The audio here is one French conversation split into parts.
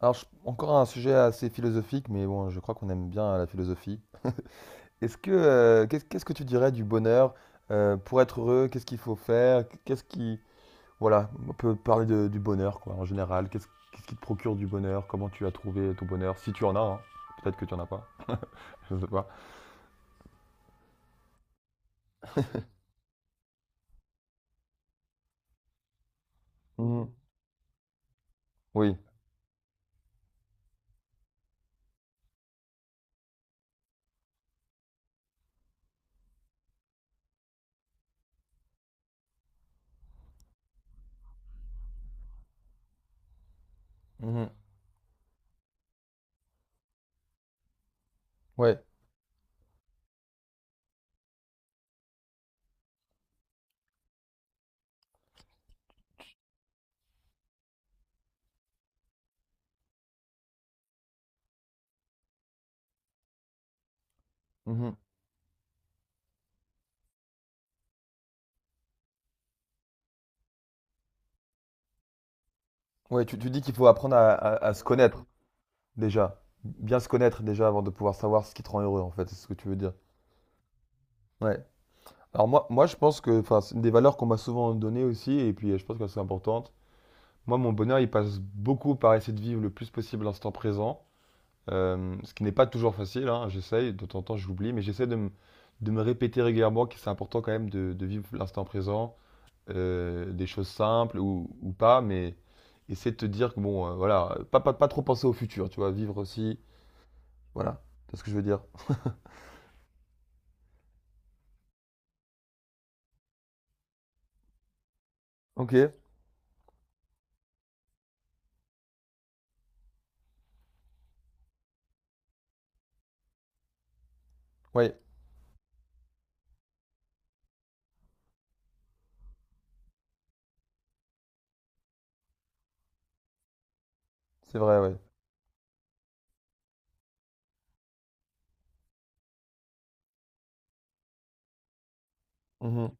Alors, encore un sujet assez philosophique, mais bon, je crois qu'on aime bien la philosophie. Est-ce que, qu'est-ce que tu dirais du bonheur pour être heureux? Qu'est-ce qu'il faut faire? Qu'est-ce qui, voilà, on peut parler du bonheur, quoi, en général. Qu'est-ce qui te procure du bonheur? Comment tu as trouvé ton bonheur? Si tu en as, hein. Peut-être que tu en as pas. Je sais pas. Mhm. Oui. Mhm. Ouais. Mhm. Ouais, tu dis qu'il faut apprendre à se connaître déjà, bien se connaître déjà avant de pouvoir savoir ce qui te rend heureux, en fait. C'est ce que tu veux dire. Ouais. Alors moi je pense que enfin, c'est une des valeurs qu'on m'a souvent données aussi, et puis je pense qu'elles sont importantes. Moi, mon bonheur, il passe beaucoup par essayer de vivre le plus possible l'instant présent, ce qui n'est pas toujours facile, hein, j'essaye, de temps en temps j'oublie, mais j'essaie de me répéter régulièrement que c'est important quand même de vivre l'instant présent, des choses simples ou pas, mais essayer de te dire que bon, voilà, pas trop penser au futur, tu vois, vivre aussi, voilà, c'est ce que je veux dire. Ok, oui, c'est vrai, oui. Mhm.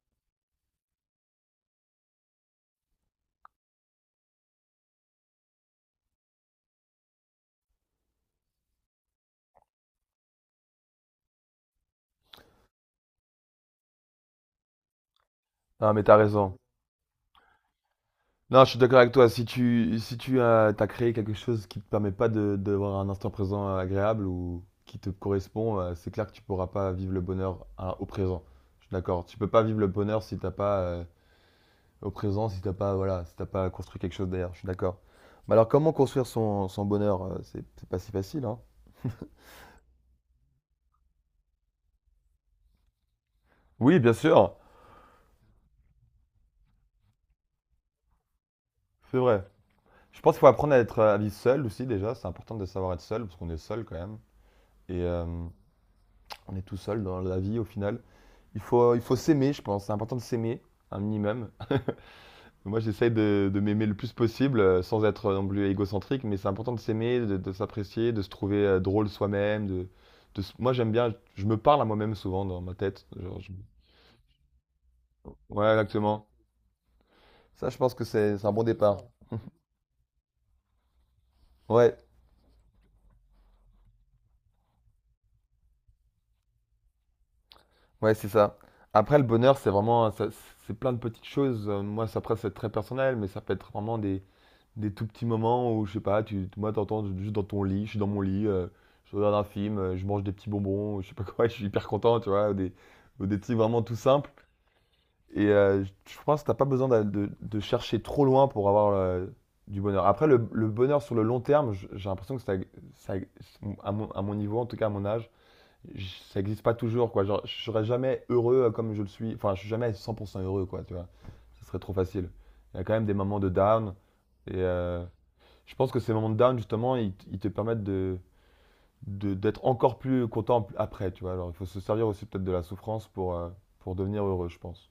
Ah, mais t'as raison. Non, je suis d'accord avec toi. Si si tu as, t'as créé quelque chose qui ne te permet pas d'avoir un instant présent agréable ou qui te correspond, c'est clair que tu ne pourras pas vivre le bonheur au présent. Je suis d'accord. Tu peux pas vivre le bonheur si t'as pas au présent, si t'as pas voilà, si t'as pas construit quelque chose derrière. Je suis d'accord. Mais alors, comment construire son bonheur? C'est pas si facile, hein. Oui, bien sûr, c'est vrai. Je pense qu'il faut apprendre à être à vivre seul aussi déjà. C'est important de savoir être seul parce qu'on est seul quand même et on est tout seul dans la vie au final. Il faut s'aimer, je pense. C'est important de s'aimer, un minimum. Moi, j'essaie de m'aimer le plus possible, sans être non plus égocentrique, mais c'est important de s'aimer, de s'apprécier, de se trouver drôle soi-même. Moi, j'aime bien, je me parle à moi-même souvent dans ma tête. Ouais, exactement. Ça, je pense que c'est un bon départ. Ouais, ouais, c'est ça. Après, le bonheur, c'est plein de petites choses. Moi, ça, après, c'est très personnel, mais ça peut être vraiment des tout petits moments où, je sais pas, t'entends juste dans ton lit, je suis dans mon lit, je regarde un film, je mange des petits bonbons, je sais pas quoi, je suis hyper content, tu vois, ou des trucs vraiment tout simples. Et je pense que t'as pas besoin de chercher trop loin pour avoir du bonheur. Après, le bonheur sur le long terme, j'ai l'impression que ça- à à mon niveau, en tout cas à mon âge, ça n'existe pas toujours, quoi. Genre, je serais jamais heureux comme je le suis. Enfin, je suis jamais 100% heureux, quoi, tu vois. Ce serait trop facile. Il y a quand même des moments de down. Et, je pense que ces moments de down, justement, ils te permettent d'être encore plus content après, tu vois. Alors, il faut se servir aussi peut-être de la souffrance pour devenir heureux, je pense.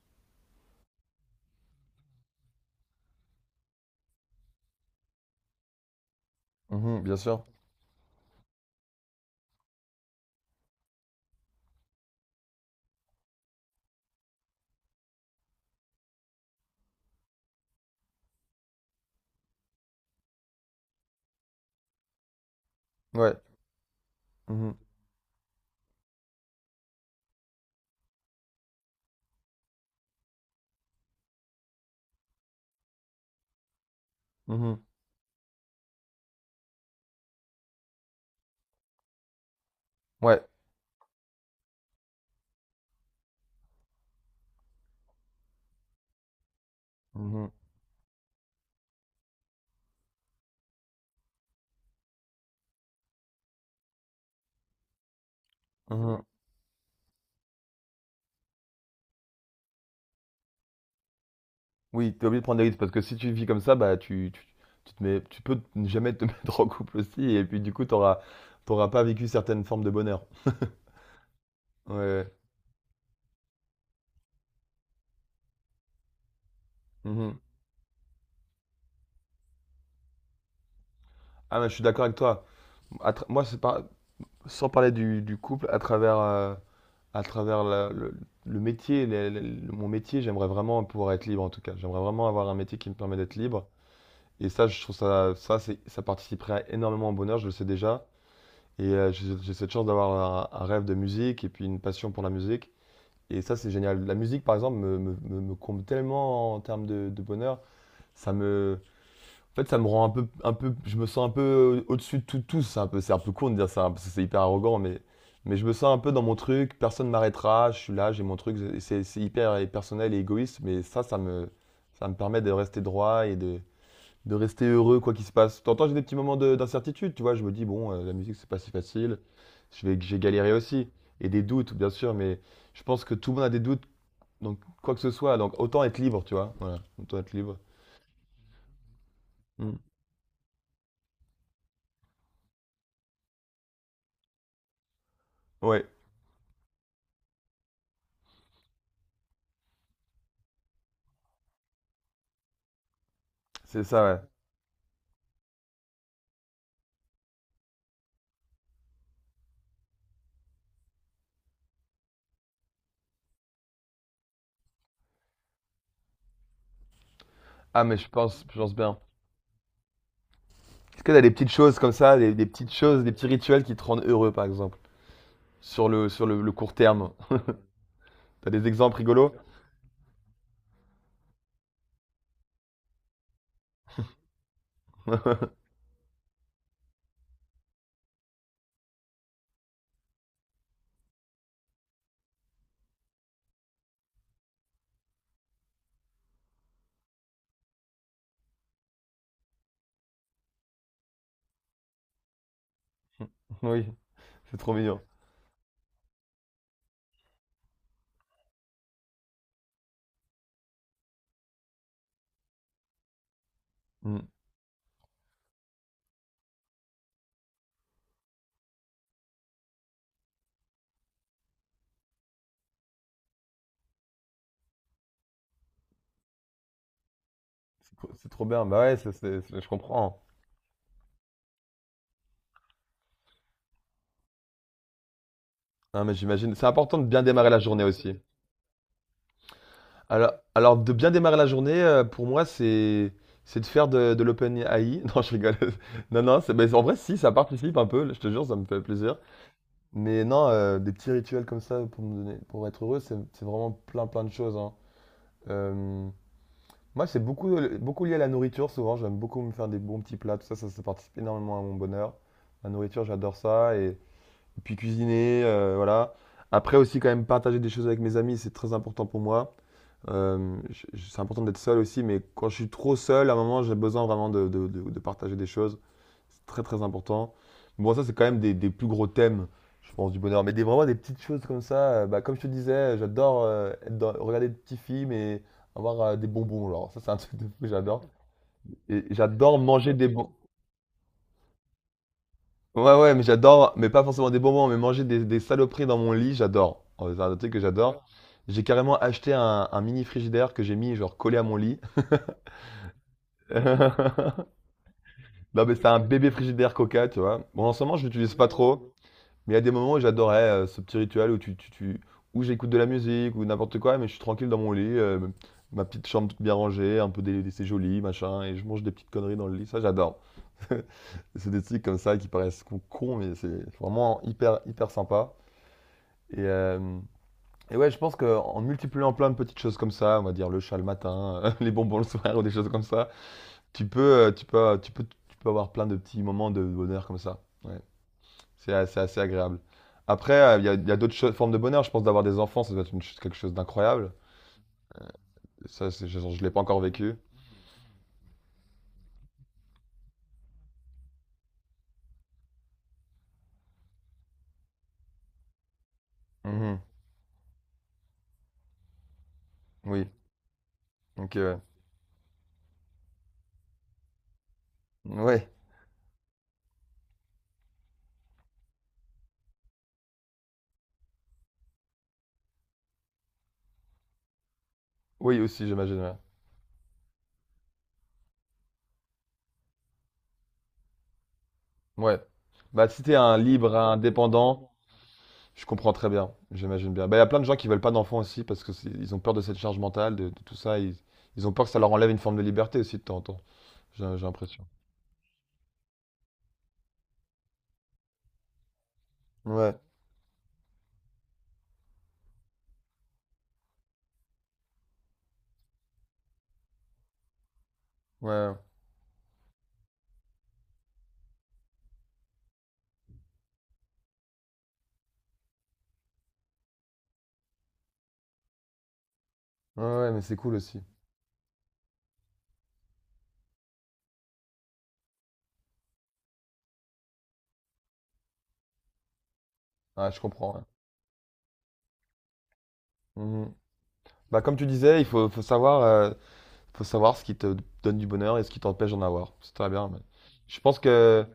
Mhm, bien sûr. Ouais. Mhm, mhm, Ouais. Mhm, mhm. Oui, t'es obligé de prendre des risques parce que si tu vis comme ça, tu te mets, tu peux ne jamais te mettre en couple aussi et puis du coup, t'auras pas vécu certaines formes de bonheur. Ouais, ouais. Mhm. Ah, mais je suis d'accord avec toi. Moi, c'est pas, sans parler du couple, à travers le métier, les- le- mon métier, j'aimerais vraiment pouvoir être libre en tout cas. J'aimerais vraiment avoir un métier qui me permet d'être libre. Et ça, je trouve ça participerait énormément au bonheur, je le sais déjà. Et j'ai cette chance un rêve de musique et puis une passion pour la musique. Et ça, c'est génial. La musique, par exemple, me comble tellement en termes de bonheur. Ça me, en fait, ça me rend un peu, je me sens un peu au-dessus de tout, tous. C'est un peu con de dire ça hein, parce que c'est hyper arrogant, mais je me sens un peu dans mon truc. Personne ne m'arrêtera. Je suis là, j'ai mon truc. C'est hyper personnel et égoïste, ça me permet de rester droit et de rester heureux quoi qu'il se passe. T'entends, j'ai des petits moments d'incertitude. Tu vois, je me dis bon, la musique, c'est pas si facile. J'ai galéré aussi et des doutes, bien sûr, mais je pense que tout le monde a des doutes. Donc quoi que ce soit, donc autant être libre, tu vois. Voilà, autant être libre. Mm. Ouais, c'est ça. Ouais. Ah, mais je pense bien. Est-ce que t'as des petites choses comme ça, des petites choses, des petits rituels qui te rendent heureux, par exemple, sur le court terme? T'as des exemples rigolos? Oui, c'est trop mignon. Mm. C'est trop bien. Bah ouais, je comprends. Non, mais j'imagine. C'est important de bien démarrer la journée aussi. Alors de bien démarrer la journée, pour moi, c'est de faire de l'open AI. Non, je rigole. Non, non, c'est, mais en vrai, si, ça participe un peu, je te jure, ça me fait plaisir. Mais non, des petits rituels comme ça pour me donner, pour être heureux, c'est vraiment plein de choses, hein. Euh, moi, c'est beaucoup lié à la nourriture, souvent. J'aime beaucoup me faire des bons petits plats, ça participe énormément à mon bonheur. La nourriture, j'adore ça. Et puis cuisiner, voilà. Après aussi, quand même, partager des choses avec mes amis, c'est très important pour moi. C'est important d'être seul aussi, mais quand je suis trop seul, à un moment, j'ai besoin vraiment de partager des choses. C'est très très important. Bon, ça, c'est quand même des plus gros thèmes, je pense, du bonheur. Mais des, vraiment des petites choses comme ça. Euh, bah, comme je te disais, j'adore regarder des petits films et avoir des bonbons. Genre, ça, c'est un truc de fou, que j'adore. Et j'adore manger des bonbons. Ouais, ouais, mais j'adore, mais pas forcément des bonbons, mais manger des saloperies dans mon lit, j'adore. C'est un truc que j'adore. J'ai carrément acheté un mini frigidaire que j'ai mis, genre, collé à mon lit. Non, mais c'est un bébé frigidaire Coca, tu vois. Bon, en ce moment, je l'utilise pas trop. Mais il y a des moments où j'adorais, ce petit rituel où tu où j'écoute de la musique ou n'importe quoi, mais je suis tranquille dans mon lit, ma petite chambre toute bien rangée, un peu dé c'est joli, machin et je mange des petites conneries dans le lit, ça j'adore. C'est des trucs comme ça qui paraissent cons, mais c'est vraiment hyper sympa et hem et ouais, je pense qu'en multipliant plein de petites choses comme ça, on va dire le chat le matin, les bonbons le soir ou des choses comme ça, tu peux, tu peux avoir plein de petits moments de bonheur comme ça, ouais. Assez agréable. Après, il y a d'autres formes de bonheur. Je pense d'avoir des enfants, ça doit être quelque chose d'incroyable. Ça, je ne l'ai pas encore vécu. Mhm. Oui. Ok, ouais. Ouais. Oui, aussi, j'imagine. Ouais. Ouais. Bah, si t'es un libre indépendant, je comprends très bien. J'imagine bien. Bah, il y a plein de gens qui veulent pas d'enfants aussi parce que ils ont peur de cette charge mentale, de tout ça. Ils ont peur que ça leur enlève une forme de liberté aussi de temps en temps. J'ai l'impression. Ouais. Ouais. Ouais, ouais, mais c'est cool aussi. Ah, je comprends. Ouais. Mhm. Bah, comme tu disais, faut savoir faut savoir ce qui te donne du bonheur et ce qui t'empêche d'en avoir. C'est très bien. Mais je pense que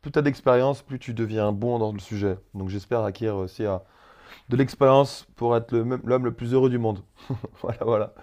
plus tu as d'expérience, plus tu deviens bon dans le sujet. Donc j'espère acquérir aussi de l'expérience pour être l'homme le plus heureux du monde. Voilà, voilà.